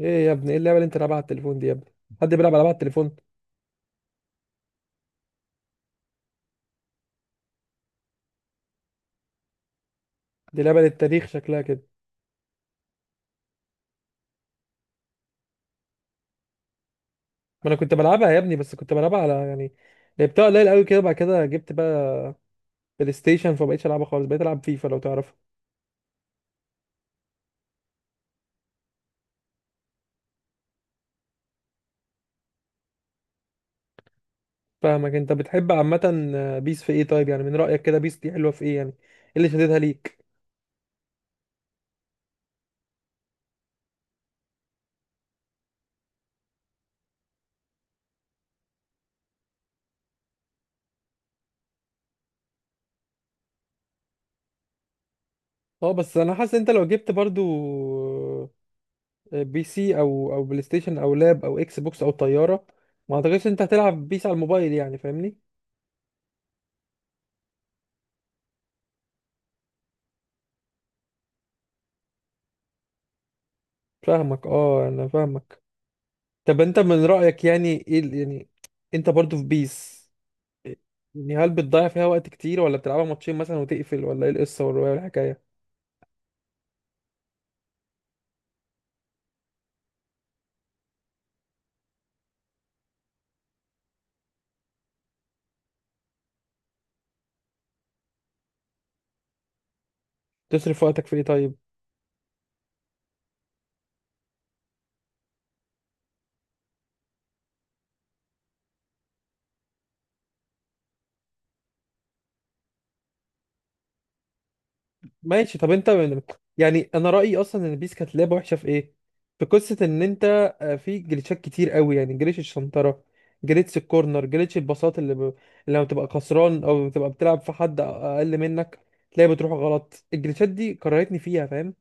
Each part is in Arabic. ايه يا ابني؟ ايه اللعبه اللي انت لعبها على التليفون دي يا ابني؟ حد بيلعب العاب على التليفون؟ دي لعبه للتاريخ شكلها كده. ما انا كنت بلعبها يا ابني، بس كنت بلعبها على، يعني لعبتها قليل قوي كده، بعد كده جبت بقى بلاي ستيشن، فما بقتش العبها خالص، بقيت العب فيفا لو تعرفها. فاهمك، انت بتحب عامه. بيس في ايه طيب؟ يعني من رايك كده بيس دي حلوه في ايه؟ يعني ايه اللي شددها ليك؟ اه بس انا حاسس انت لو جبت برضو بي سي او بلاي ستيشن او لاب او اكس بوكس او طياره، ما اعتقدش انت هتلعب بيس على الموبايل، يعني فاهمني. فاهمك، اه انا فاهمك. طب انت من رأيك، يعني ايه يعني انت برضو في بيس؟ يعني هل بتضيع فيها وقت كتير، ولا بتلعبها ماتشين مثلا وتقفل، ولا ايه القصة والرواية والحكاية؟ تصرف وقتك في ايه طيب؟ ماشي، طب انت من. يعني انا رأيي اصلا ان بيس كانت لعبة وحشة في ايه، في قصة ان انت، في جليتشات كتير قوي. يعني جليتش الشنطرة، جليتش الكورنر، جليتش الباصات اللي لما بتبقى خسران او بتبقى بتلعب في حد اقل منك، تلاقي بتروح غلط. الجليتشات دي كرهتني فيها، فاهم؟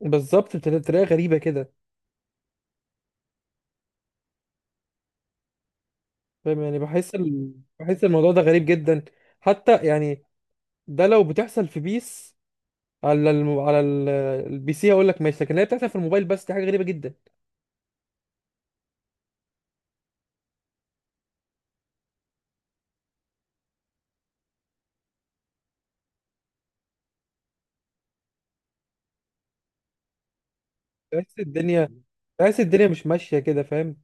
بالظبط، بتلاقي غريبة كده، فاهم؟ يعني بحس الموضوع ده غريب جدا. حتى يعني، ده لو بتحصل في بيس على الم... على ال... البي سي، هقول لك ماشي، لكن هي بتحصل في الموبايل، بس دي حاجه غريبه جدا. بحس الدنيا بحس الدنيا مش ماشيه كده، فاهم؟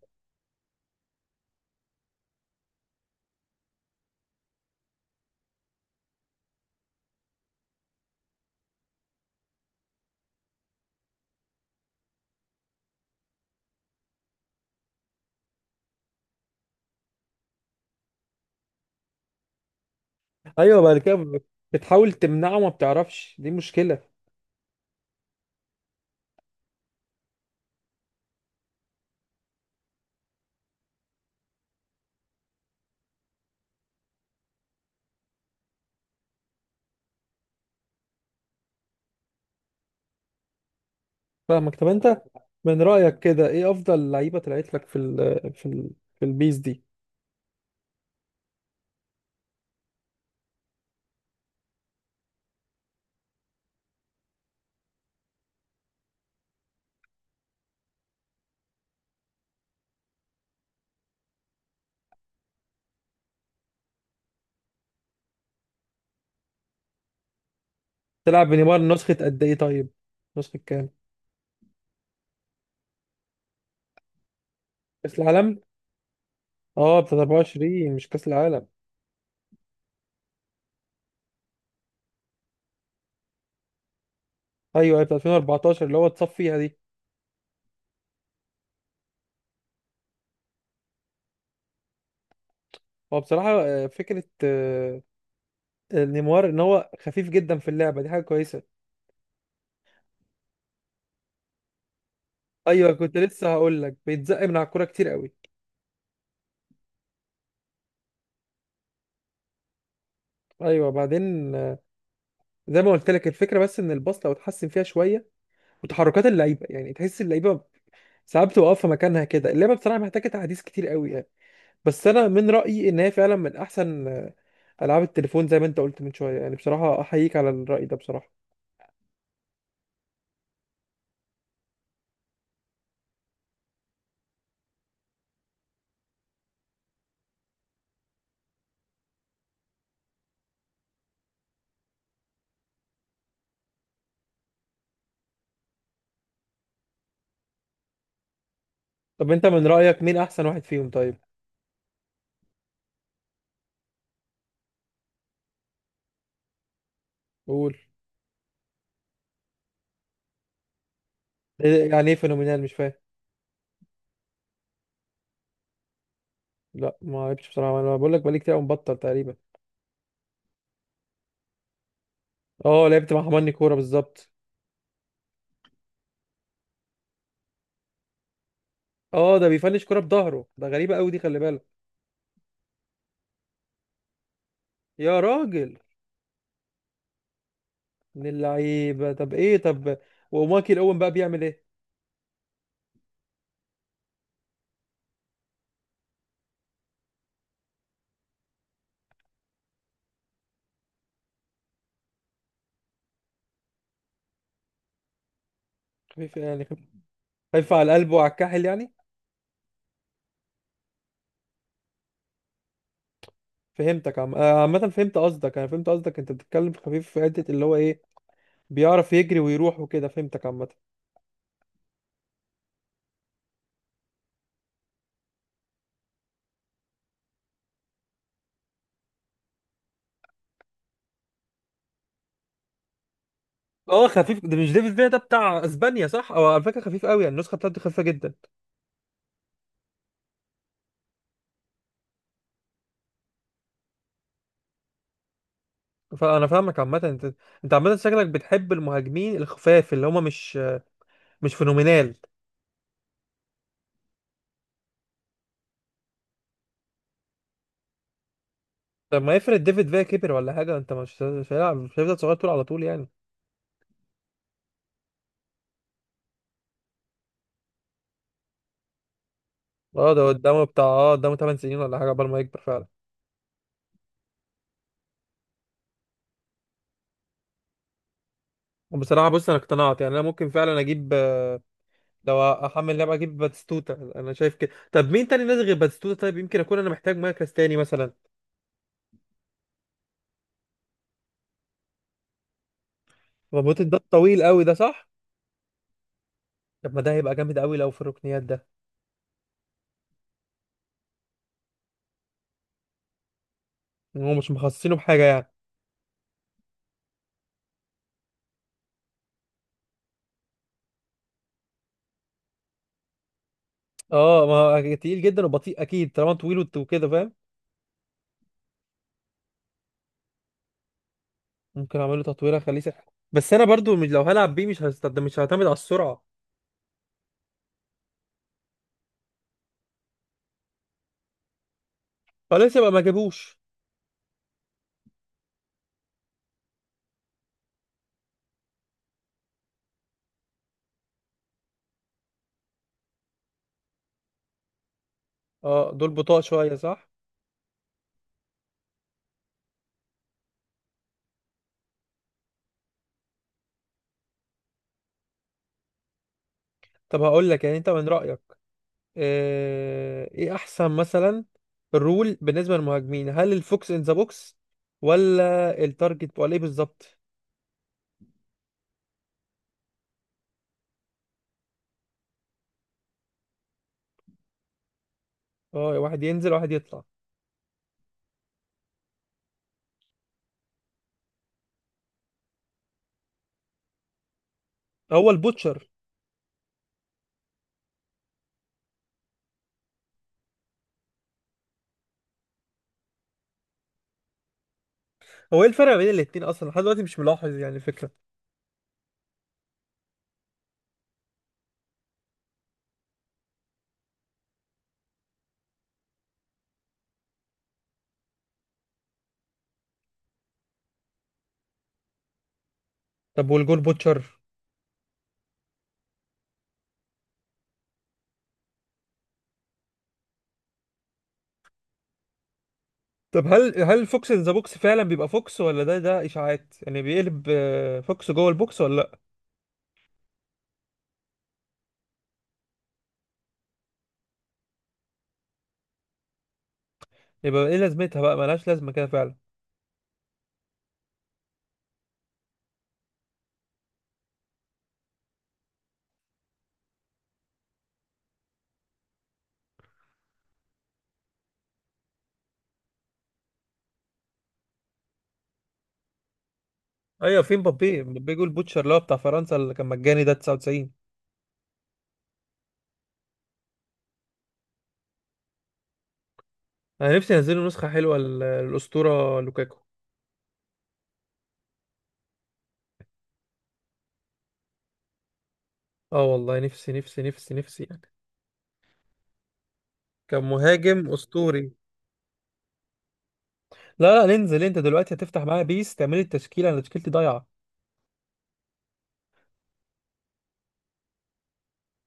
ايوه، بعد كده بتحاول تمنعه، ما بتعرفش، دي مشكله. فاهمك، طب انت من رايك كده، ايه افضل لعيبه طلعت لك في في البيس دي؟ تلعب بنيمار نسخه قد ايه طيب؟ نسخه كام؟ كاس العالم؟ اه، بتاعت 24، مش كاس العالم. ايوه، في 2014 اللي هو اتصف فيها دي. هو بصراحه، فكره، نيمار ان هو خفيف جدا في اللعبه، دي حاجه كويسه. ايوه، كنت لسه هقول لك، بيتزق من على الكوره كتير قوي. ايوه، بعدين، زي ما قلت لك الفكره، بس ان الباص لو اتحسن فيها شويه وتحركات اللعيبه، يعني تحس اللعيبه ساعات بتبقى واقفه مكانها كده، اللعبه بصراحه محتاجه تعديل كتير قوي يعني. بس انا من رايي ان هي فعلا من احسن، العاب التليفون، زي ما انت قلت من شويه، يعني بصراحه احييك على الراي ده بصراحه. طب انت من رايك مين احسن واحد فيهم طيب؟ قول. إيه- يعني ايه فينومينال؟ مش فاهم. لا، ما لعبتش بصراحه، انا بقول لك بقالي كتير قوي مبطل تقريبا. اه، لعبت مع حماني كوره بالظبط. اه، ده بيفنش كوره بظهره؟ ده غريبه قوي دي، خلي بالك. يا راجل، من اللعيبه؟ طب ايه؟ طب ومايكل اوين بقى بيعمل ايه؟ خفيف، يعني خفيف. خفيف على القلب وعلى الكاحل يعني. فهمتك، عم آه، عامه، فهمت قصدك، انا فهمت قصدك، انت بتتكلم في خفيف في حته اللي هو ايه، بيعرف يجري ويروح وكده، فهمتك عامه. اه، خفيف، ده مش ديفيد فيا ده بتاع اسبانيا؟ صح، او على فكره خفيف قوي، يعني النسخه بتاعته خفيفه جدا. فانا فاهمك عامه، انت عامه شكلك بتحب المهاجمين الخفاف، اللي هم مش، مش فينومينال. لما يفرض ديفيد فيا كبر ولا حاجه، انت مش هيلعب، مش هيفضل صغير طول على طول يعني. اه، ده قدامه بتاع اه قدامه 8 سنين ولا حاجه قبل ما يكبر فعلا. بصراحه بص، انا اقتنعت يعني، انا ممكن فعلا اجيب. لو احمل لعبه، اجيب باتستوتا، انا شايف كده. طب مين تاني نازل غير باتستوتا طيب؟ يمكن اكون انا محتاج مركز تاني مثلا. مربوط، ده الطويل قوي ده، صح؟ طب ما ده هيبقى جامد قوي لو في الركنيات ده. هو مش مخصصينه بحاجه يعني. اه، ما هو تقيل جدا وبطيء اكيد طالما طويل وكده، فاهم؟ ممكن اعمل له تطويره، اخليه سحر، بس انا برضو مش، لو هلعب بيه مش هستخدم، مش هعتمد على السرعه. خلاص يبقى ما جابوش. اه، دول بطاء شويه صح. طب هقول لك، يعني انت من رايك، ايه احسن مثلا الرول بالنسبه للمهاجمين؟ هل الفوكس ان ذا بوكس، ولا التارجت، ولا ايه بالظبط؟ اه، واحد ينزل واحد يطلع. هو البوتشر؟ هو ايه الفرق بين الاتنين اصلا؟ لحد دلوقتي مش ملاحظ يعني الفكره. طب والجول بوتشر؟ طب هل فوكس ذا بوكس فعلا بيبقى فوكس، ولا ده اشاعات؟ يعني بيقلب، فوكس جوه البوكس، ولا لا؟ يبقى ايه لازمتها بقى، ملهاش لازمه كده فعلا. ايوه، فين مبابي؟ مبابي جول بوتشر اللي هو بتاع فرنسا، اللي كان مجاني ده 99. انا نفسي ينزلوا نسخه حلوه للاسطوره لوكاكو. اه والله، نفسي نفسي نفسي نفسي يعني، كان مهاجم اسطوري. لا لا، ننزل، انت دلوقتي هتفتح معايا بيس، تعمل التشكيله، انا تشكيلتي ضايعه.